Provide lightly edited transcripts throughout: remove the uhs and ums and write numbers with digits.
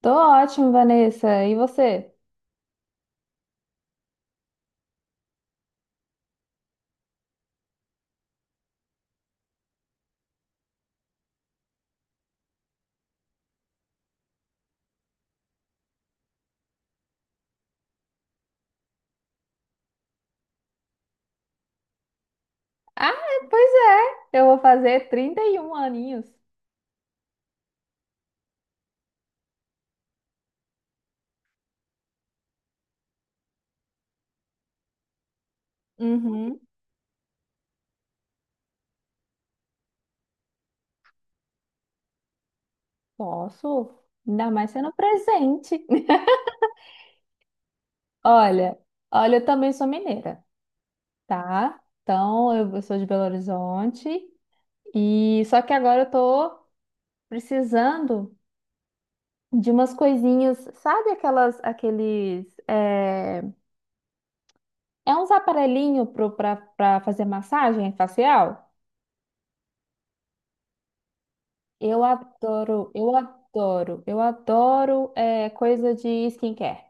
Tô ótimo, Vanessa. E você? Ah, pois é. Eu vou fazer 31 aninhos. Uhum. Posso? Ainda mais sendo presente. Olha, olha, eu também sou mineira, tá? Então, eu sou de Belo Horizonte e só que agora eu tô precisando de umas coisinhas, sabe aqueles, uns aparelhinho pra fazer massagem facial? Eu adoro, eu adoro, eu adoro coisa de skincare.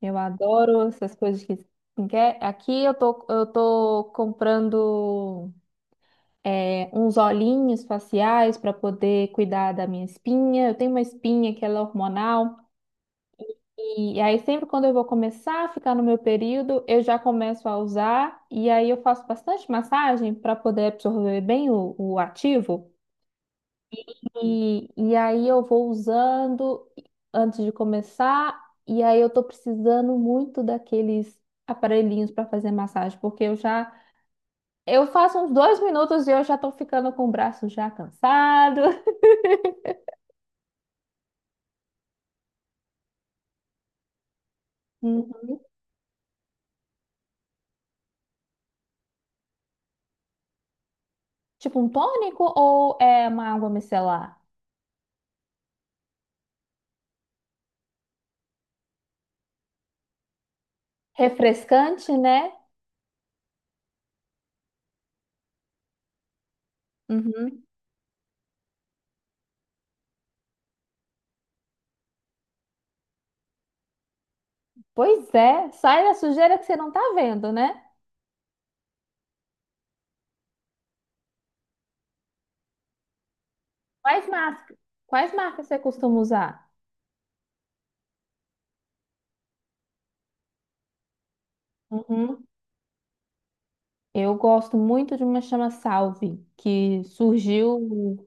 Eu adoro essas coisas de skincare. Aqui eu tô comprando uns olhinhos faciais para poder cuidar da minha espinha. Eu tenho uma espinha que ela é hormonal. E aí sempre quando eu vou começar a ficar no meu período, eu já começo a usar. E aí eu faço bastante massagem para poder absorver bem o ativo. E aí eu vou usando antes de começar, e aí eu tô precisando muito daqueles aparelhinhos para fazer massagem, porque eu faço uns 2 minutos e eu já tô ficando com o braço já cansado. Hum, Tipo um tônico ou é uma água micelar? Refrescante, né? Uhum. Pois é, sai da sujeira que você não tá vendo, né? Quais marcas, quais marcas você costuma usar? Uhum. Eu gosto muito de uma chama Salve, que surgiu.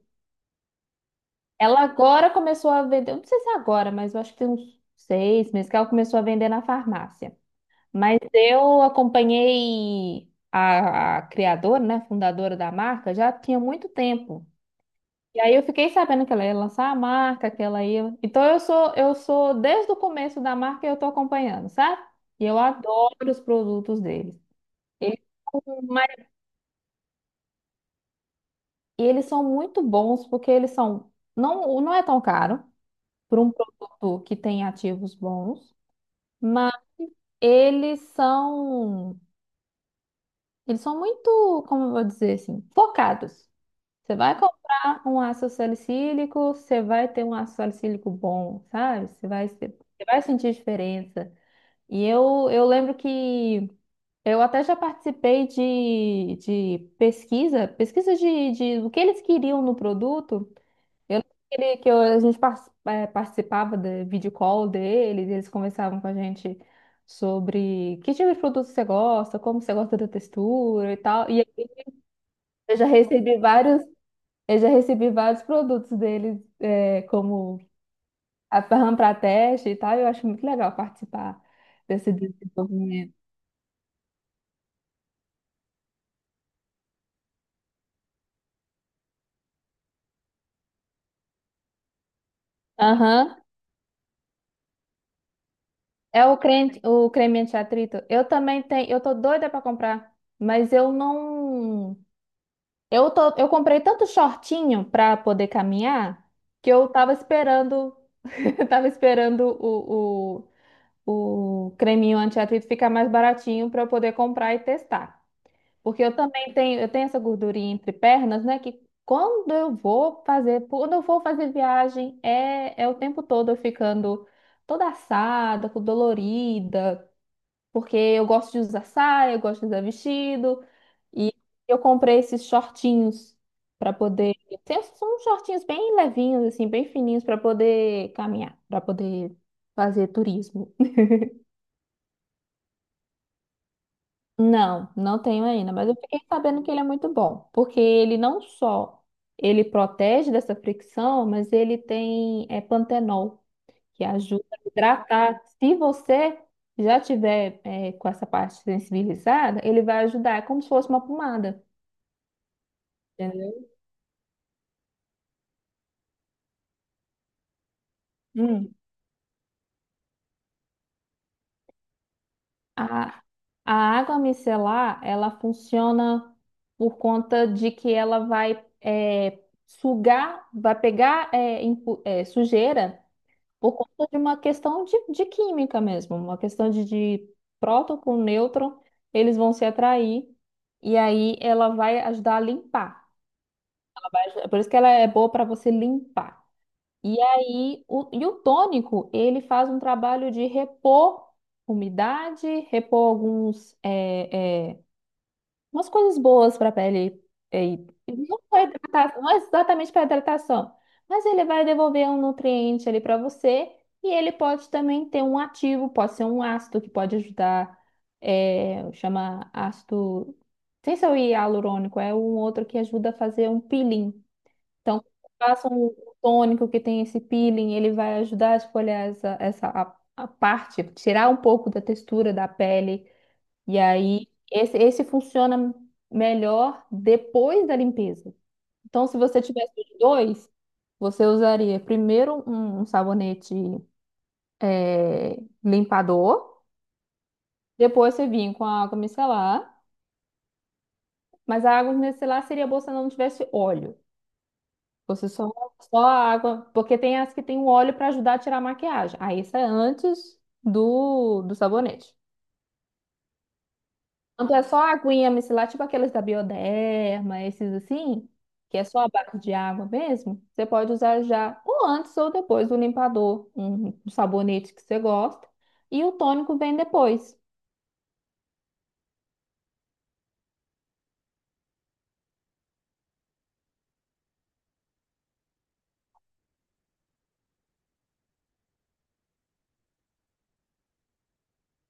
Ela agora começou a vender, eu não sei se é agora, mas eu acho que tem uns 6 meses que ela começou a vender na farmácia. Mas eu acompanhei a criadora, né, fundadora da marca, já tinha muito tempo. E aí eu fiquei sabendo que ela ia lançar a marca, que ela ia. Então eu sou desde o começo da marca eu tô acompanhando, sabe? E eu adoro os produtos deles. Eles são E eles são muito bons porque eles são. Não, não é tão caro para um produto que tem ativos bons, mas eles são. Eles são muito, como eu vou dizer assim, focados. Você vai comprar um ácido salicílico, você vai ter um ácido salicílico bom, sabe? Você vai, se- você vai sentir diferença. E eu lembro que eu até já participei de pesquisa de o que eles queriam no produto. Eu não queria a gente participava da video call deles, eles conversavam com a gente sobre que tipo de produto você gosta, como você gosta da textura e tal. E eu já recebi vários, eu já recebi vários produtos deles, como a RAM para teste e tal. E eu acho muito legal participar desse desenvolvimento. Aham. É o creme anti-atrito. Eu também tenho, eu tô doida para comprar, mas eu não. Eu tô, eu comprei tanto shortinho pra poder caminhar que eu tava esperando, tava esperando o creminho anti-atrito ficar mais baratinho pra eu poder comprar e testar. Porque eu também tenho, eu tenho essa gordurinha entre pernas, né? Que quando eu vou fazer, quando eu vou fazer viagem, é o tempo todo eu ficando toda assada, com dolorida, porque eu gosto de usar saia, eu gosto de usar vestido. E eu comprei esses shortinhos para poder. São uns shortinhos bem levinhos, assim, bem fininhos para poder caminhar, para poder fazer turismo. Não, não tenho ainda, mas eu fiquei sabendo que ele é muito bom, porque ele não só ele protege dessa fricção, mas ele tem pantenol, que ajuda a hidratar. Se você já tiver com essa parte sensibilizada, ele vai ajudar, é como se fosse uma pomada, entendeu? A, a água micelar, ela funciona por conta de que ela vai sugar, vai pegar sujeira por conta de uma questão de química mesmo, uma questão de próton com nêutron, eles vão se atrair e aí ela vai ajudar a limpar. Por isso que ela é boa para você limpar. E aí, e o tônico, ele faz um trabalho de repor umidade, repor alguns, umas coisas boas para a pele. E não, não é exatamente para hidratação, mas ele vai devolver um nutriente ali para você e ele pode também ter um ativo, pode ser um ácido que pode ajudar, chama ácido, sem ser o hialurônico, é um outro que ajuda a fazer um peeling. Então, faça um tônico que tem esse peeling, ele vai ajudar a esfoliar essa a parte, tirar um pouco da textura da pele. E aí, esse funciona melhor depois da limpeza. Então, se você tivesse os dois, você usaria primeiro um sabonete é, limpador, depois você vinha com a água micelar, mas a água micelar seria boa se ela não tivesse óleo. Você só a água, porque tem as que tem o óleo para ajudar a tirar a maquiagem. Aí isso é antes do sabonete. Então é só a aguinha micelar, tipo aqueles da Bioderma, esses assim, que é só a base de água mesmo. Você pode usar já ou antes ou depois do limpador, um sabonete que você gosta, e o tônico vem depois.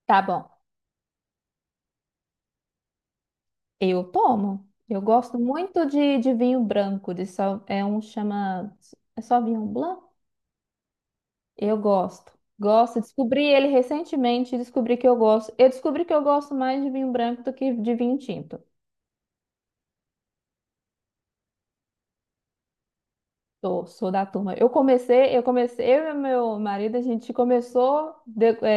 Tá bom. Eu tomo. Eu gosto muito de vinho branco, de só, é um chama, é só vinho blanc? Eu gosto. Gosto. Descobri ele recentemente, descobri que eu gosto. Eu descobri que eu gosto mais de vinho branco do que de vinho tinto. Sou, sou da turma. Eu e meu marido, a gente começou de- é,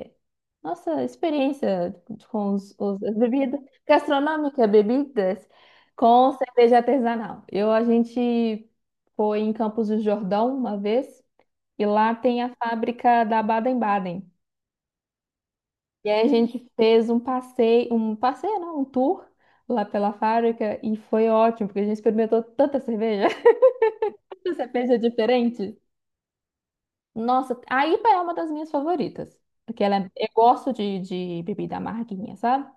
é, é, nossa experiência com as bebidas gastronômicas, bebidas com cerveja artesanal. A gente foi em Campos do Jordão uma vez e lá tem a fábrica da Baden-Baden. E aí a gente fez um passeio, não, um tour lá pela fábrica e foi ótimo, porque a gente experimentou tanta cerveja, tanta cerveja diferente. Nossa, a IPA é uma das minhas favoritas, porque eu gosto de bebida amarguinha, sabe?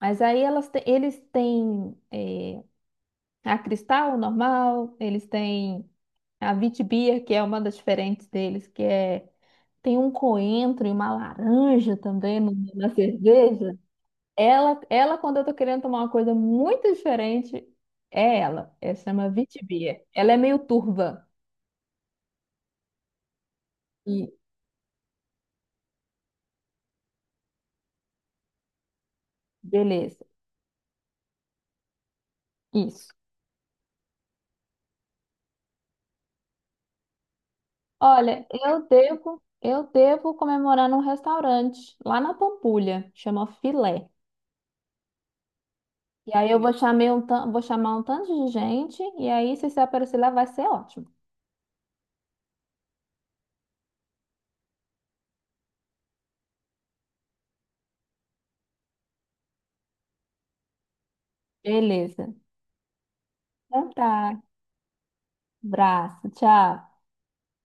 Mas aí eles têm a Cristal normal, eles têm a Witbier, que é uma das diferentes deles, que tem um coentro e uma laranja também na cerveja. Ela, quando eu tô querendo tomar uma coisa muito diferente, é ela. Ela chama Vitibia. Ela é meio turva. E beleza. Isso. Olha, eu devo comemorar num restaurante lá na Pampulha, chama Filé. E aí eu vou chamar vou chamar um tanto de gente, e aí se você aparecer lá vai ser ótimo. Beleza. Então tá. Abraço, tchau.